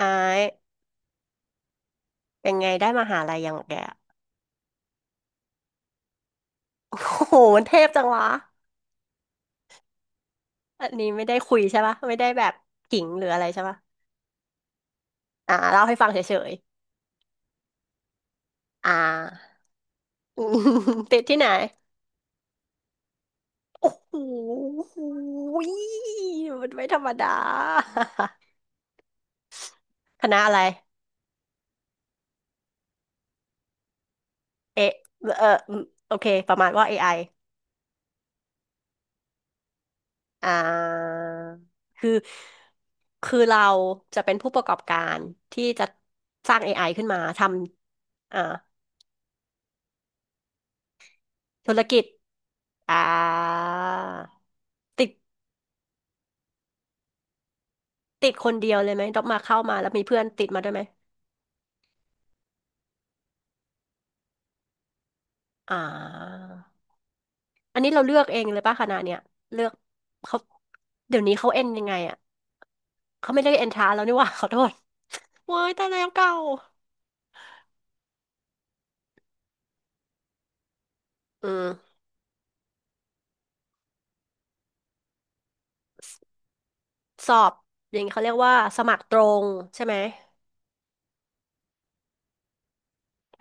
อายเป็นไงได้มหาลัยยังแกอะโอ้โหมันเทพจังวะ อันนี้ไม่ได้คุยใช่ปะ ไม่ได้แบบขิงหรืออะไรใช่ปะ อ่าเล่าให้ฟังเฉยๆ อืมติดที่ไหนโอ้โหมันไม่ธรรมดา คณะอะไร เอะเอออืมโอเค ประมาณว่า AI อไออ่า คือ คือเราจะเป็นผู้ประกอบการที่จะสร้าง AI ขึ้นมาทำ ธุรกิจ อ่าติดติดคนเดียวเลยไหมด็อกมาเข้ามาแล้วมีเพื่อนติดมาด้วยไหมอ่าอันนี้เราเลือกเองเลยป่ะคณะเนี่ยเลือกเขาเดี๋ยวนี้เขาเอ็นยังไงอ่ะเขาไม่ได้เอ็นทรานแล้วนี่หว่า ขอโทษเว้ยตายแล้วเก่าอืมสอบอย่างนี้เขาเรียกว่าสมัครตรงใช่ไหม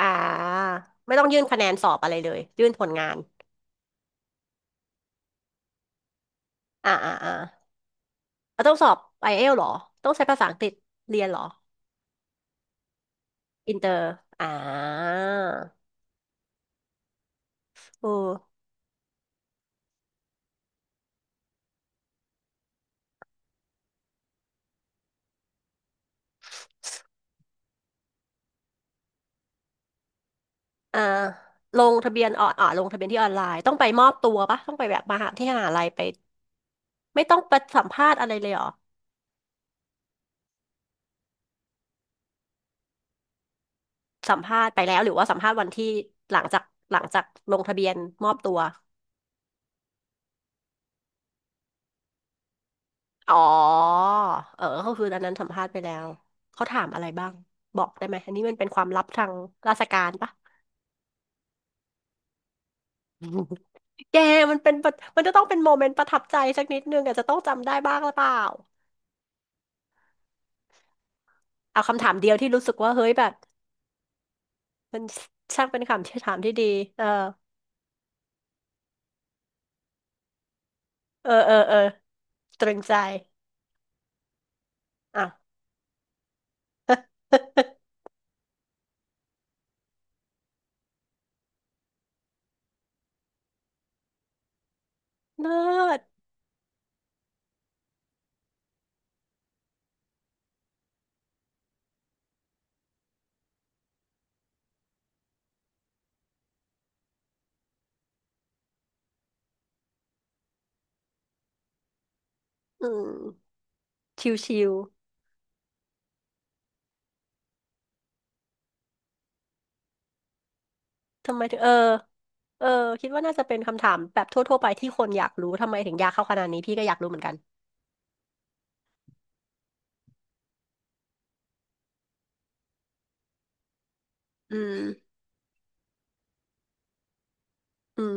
อ่าไม่ต้องยื่นคะแนนสอบอะไรเลยยื่นผลงานอ่าอ่าอ่าเราต้องสอบไอเอลหรอต้องใช้ภาษาอังกฤษเรียนเหรออินเตอร์อ่าโอ้ อ่าลงทะเบียนที่ออนไลน์ต้องไปมอบตัวปะต้องไปแบบมหาที่มหาลัยไปไม่ต้องไปสัมภาษณ์อะไรเลยเหรอสัมภาษณ์ไปแล้วหรือว่าสัมภาษณ์วันที่หลังจากหลังจากลงทะเบียนมอบตัวอ๋อเออก็คืออันนั้นสัมภาษณ์ไปแล้วเขาถามอะไรบ้างบอกได้ไหมอันนี้มันเป็นความลับทางราชการปะ แกมันเป็นประมันจะต้องเป็นโมเมนต์ประทับใจสักนิดนึงอาจจะต้องจำได้บ้างหรือเปล่าเอาคำถามเดียวที่รู้สึกว่าเฮ้ยแบบมันช่างเป็นคำถามที่ดีเออ เออเออเออตรึงใจอ่ะ เลิศอืมชิวๆทำไมถึงเออเออคิดว่าน่าจะเป็นคำถามแบบทั่วๆไปที่คนอยากรู้ทำไมถึงยากเข้าขนาดนี้พี่ก็อยากรู้เหมือนกันอืมอืม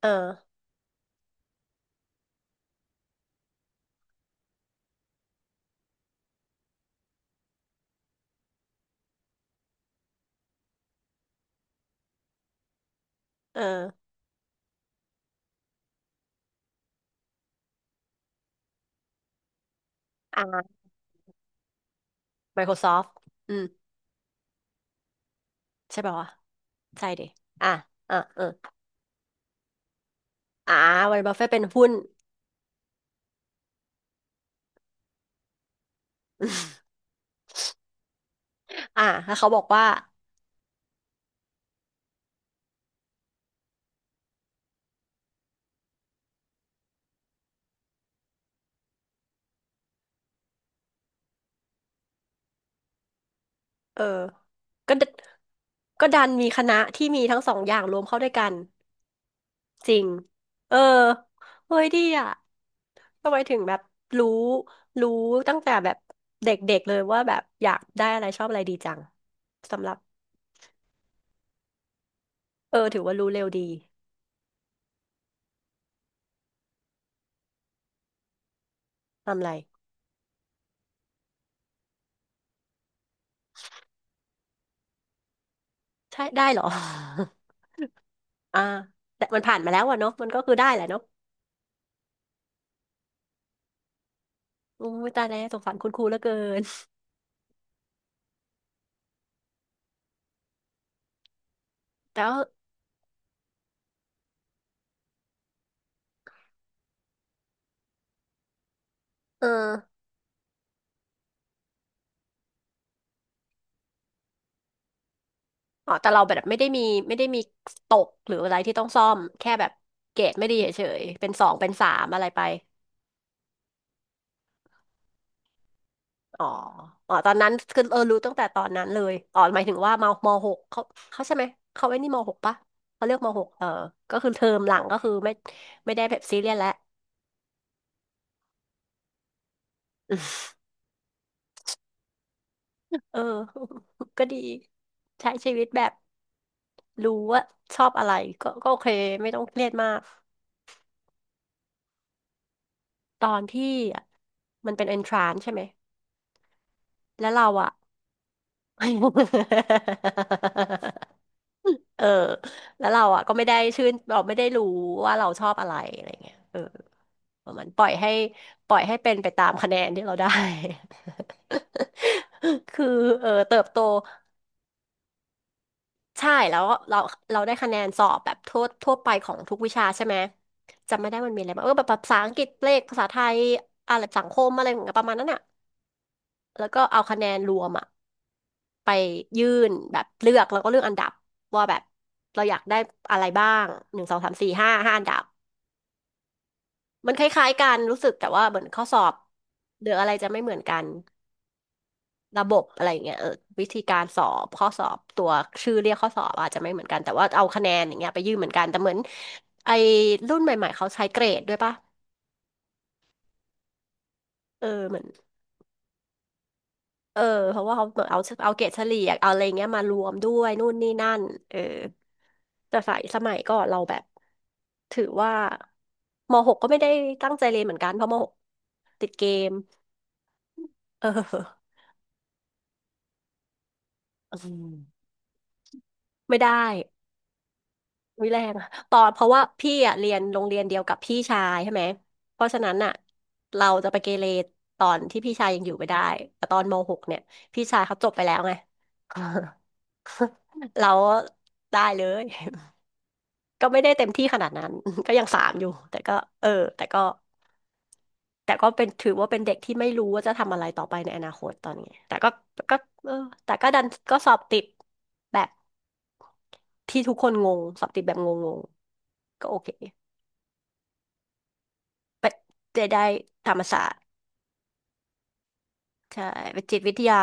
เออเอออ่า Microsoft อืมใช่ป่าววะใช่ดิอ่ะอ่ะเอออ่าวันบัฟเฟตเป็นหุ้น อ่าแล้วเขาบอกว่าเออก็ดก็ดันมีคณะที่มีทั้งสองอย่างรวมเข้าด้วยกัน จริง เออเฮ้ยดีอ่ะทำไมถึงแบบรู้รู้ตั้งแต่แบบเด็กๆเลยว่าแบบอยากได้อะไรชอบอะไรดีจังสำหรับเออถือว่ารู้เร็วดีทำอะไรใช่ได้เหรอ อ่าแต่มันผ่านมาแล้วอะเนาะมันก็คือได้แหละเนาะอู้ยตายแล้วสงสารคุณครูเหลือเกิน แต่ว่าเออแต่เราแบบไม่ได้มีตกหรืออะไรที่ต้องซ่อมแค่แบบเกรดไม่ดีเฉยๆเป็นสองเป็นสามอะไรไป อ๋ออ๋อ ตอนนั้นคือเออรู้ตั้งแต่ตอนนั้นเลยอ๋อหมายถึงว่าหกเขาใช่ไหมเขาไอ้นี่มหกปะเขาเรียกมหกเออก็คือเทอมหลังก็คือไม่ได้แบบซีเรียสแล้ว เออ ก็ดีใช้ชีวิตแบบรู้ว่าชอบอะไรก็โอเคไม่ต้องเครียดมากตอนพี่อ่ะมันเป็นเอนทรานใช่ไหมแล้วเราอ่ะ เออแล้วเราอ่ะก็ไม่ได้ชื่นเราไม่ได้รู้ว่าเราชอบอะไรอะไรเงี้ยเออประมันปล่อยให้ปล่อยให้เป็นไปตามคะแนนที่เราได้ คือเออเติบโตใช่แล้วเราได้คะแนนสอบแบบทั่วไปของทุกวิชาใช่ไหมจำไม่ได้มันมีอะไรบ้างเออแบบภาษาอังกฤษเลขภาษาไทยอะไรสังคมอะไรอย่างเงี้ยประมาณนั้นอ่ะ แล้วก็เอาคะแนนรวมอะไปยื่นแบบเลือกแล้วก็เลือกอันดับว่าแบบเราอยากได้อะไรบ้างหนึ่งสองสามสี่ห้าห้าอันดับมันคล้ายๆกันรู้สึกแต่ว่าเหมือนข้อสอบหรืออะไรจะไม่เหมือนกันระบบอะไรอย่างเงี้ยเออวิธีการสอบข้อสอบตัวชื่อเรียกข้อสอบอาจจะไม่เหมือนกันแต่ว่าเอาคะแนนอย่างเงี้ยไปยื่นเหมือนกันแต่เหมือนไอ้รุ่นใหม่ๆเขาใช้เกรดด้วยปะเออเหมือน เออเพราะว่าเขาเหมือนเอาเอาเกรดเฉลี่ยเอาอะไรเงี้ยมารวมด้วยนู่นนี่นั่นเออแต่สายสมัยก่อนเราแบบถือว่ามหกก็ไม่ได้ตั้งใจเรียนเหมือนกันเพราะมหกติดเกมเอออืมไม่ได้วิแรงอะตอนเพราะว่าพี่อ่ะเรียนโรงเรียนเดียวกับพี่ชายใช่ไหมเพราะฉะนั้นอ่ะเราจะไปเกเรตอนที่พี่ชายยังอยู่ไม่ได้แต่ตอนมหกเนี่ยพี่ชายเขาจบไปแล้วไง เราได้เลย ก็ไม่ได้เต็มที่ขนาดนั้น ก็ยังสามอยู่แต่ก็เออแต่ก็แต่ก็เป็นถือว่าเป็นเด็กที่ไม่รู้ว่าจะทำอะไรต่อไปในอนาคตตอนนี้แต่ก็ก็เออแต่ก็ดันก็สอบติดแบบที่ทุกคนงงสอบติดแบบงงๆก็โอเคไปเจได้ธรรมศาสตร์ใช่ไปจิตวิทยา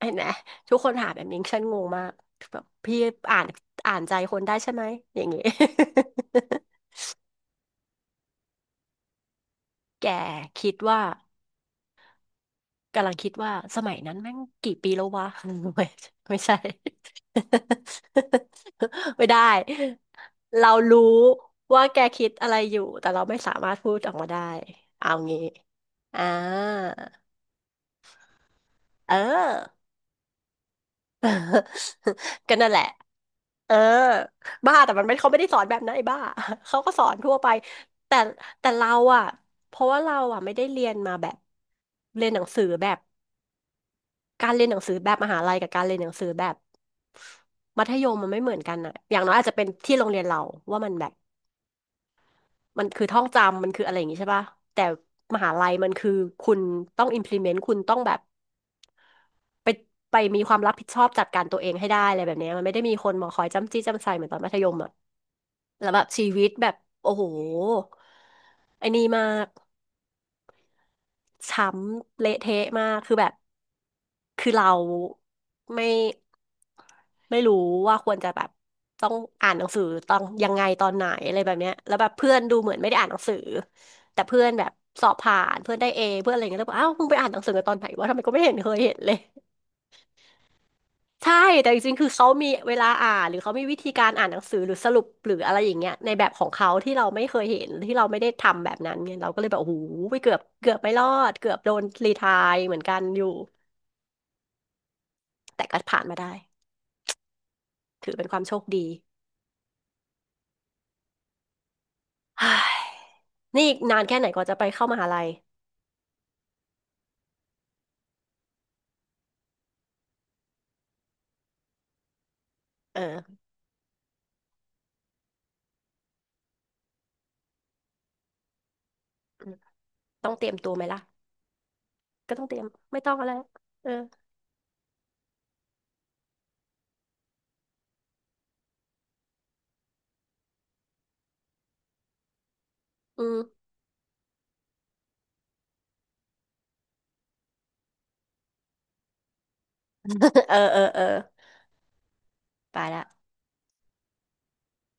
เห็นไหมทุกคนถามแบบนี้ฉันงงมากแบบพี่อ่านอ่านใจคนได้ใช่ไหมอย่างงี้ แกคิดว่า กำลังคิดว่าสมัยนั้นแม่งกี่ปีแล้ววะ ไม่ไม่ใช่ ไม่ได้เรารู้ว่าแกคิดอะไรอยู่แต่เราไม่สามารถพูดออกมาได้เอางี้อ่าเออ ก็นั่นแหละเออบ้าแต่มันไม่เขาไม่ได้สอนแบบนั้นไอ้บ้า เขาก็สอนทั่วไปแต่เราอะเพราะว่าเราอะไม่ได้เรียนมาแบบเรียนหนังสือแบบ การเรียนหนังสือแบบมหาลัยกับการเรียนหนังสือแบบมัธยมมันไม่เหมือนกันอะอย่างน้อยอาจจะเป็นที่โรงเรียนเราว่ามันแบบมันคือท่องจำมันคืออะไรอย่างงี้ใช่ป่ะแต่มหาลัยมันคือคุณต้อง implement คุณต้องแบบไปไปมีความรับผิดชอบจัดการตัวเองให้ได้อะไรแบบเนี้ยมันไม่ได้มีคนมาคอยจ้ำจี้จ้ำไซเหมือนตอนมัธยมอะแล้วแบบชีวิตแบบโอ้โหไอ้นี่มาก ช้ำเละเทะมากคือแบบคือเราไม่ไม่รู้ว่าควรจะแบบต้องอ่านหนังสือต้องยังไงตอนไหนอะไรแบบเนี้ยแล้วแบบเพื่อนดูเหมือนไม่ได้อ่านหนังสือแต่เพื่อนแบบสอบผ่านเพื่อนได้เอเพื่อนอะไรเงี้ยแล้วบอกอ้าวมึงไปอ่านหนังสือกันตอนไหนวะทำไมก็ไม่เห็นเคยเห็นเลย ใช่แต่จริงๆคือเขามีเวลาอ่านหรือเขามีวิธีการอ่านหนังสือหรือสรุปหรืออะไรอย่างเงี้ยในแบบของเขาที่เราไม่เคยเห็นที่เราไม่ได้ทำแบบนั้นเนี่ยเราก็เลยแบบโอ้โหไปเกือบไม่รอดเกือบโดนรีไทร์เหมือนกันอยู่แต่ก็ผ่านมาได้ถือเป็นความโชคดี เฮ้ยนี่อีกนานแค่ไหนกว่าจะไปเข้ามหาลัยเอออืมต้องเตรียมตัวไหมล่ะก็ต้องเตรียมไม่ต้องแล้วเอออืม เออเออเออไปละ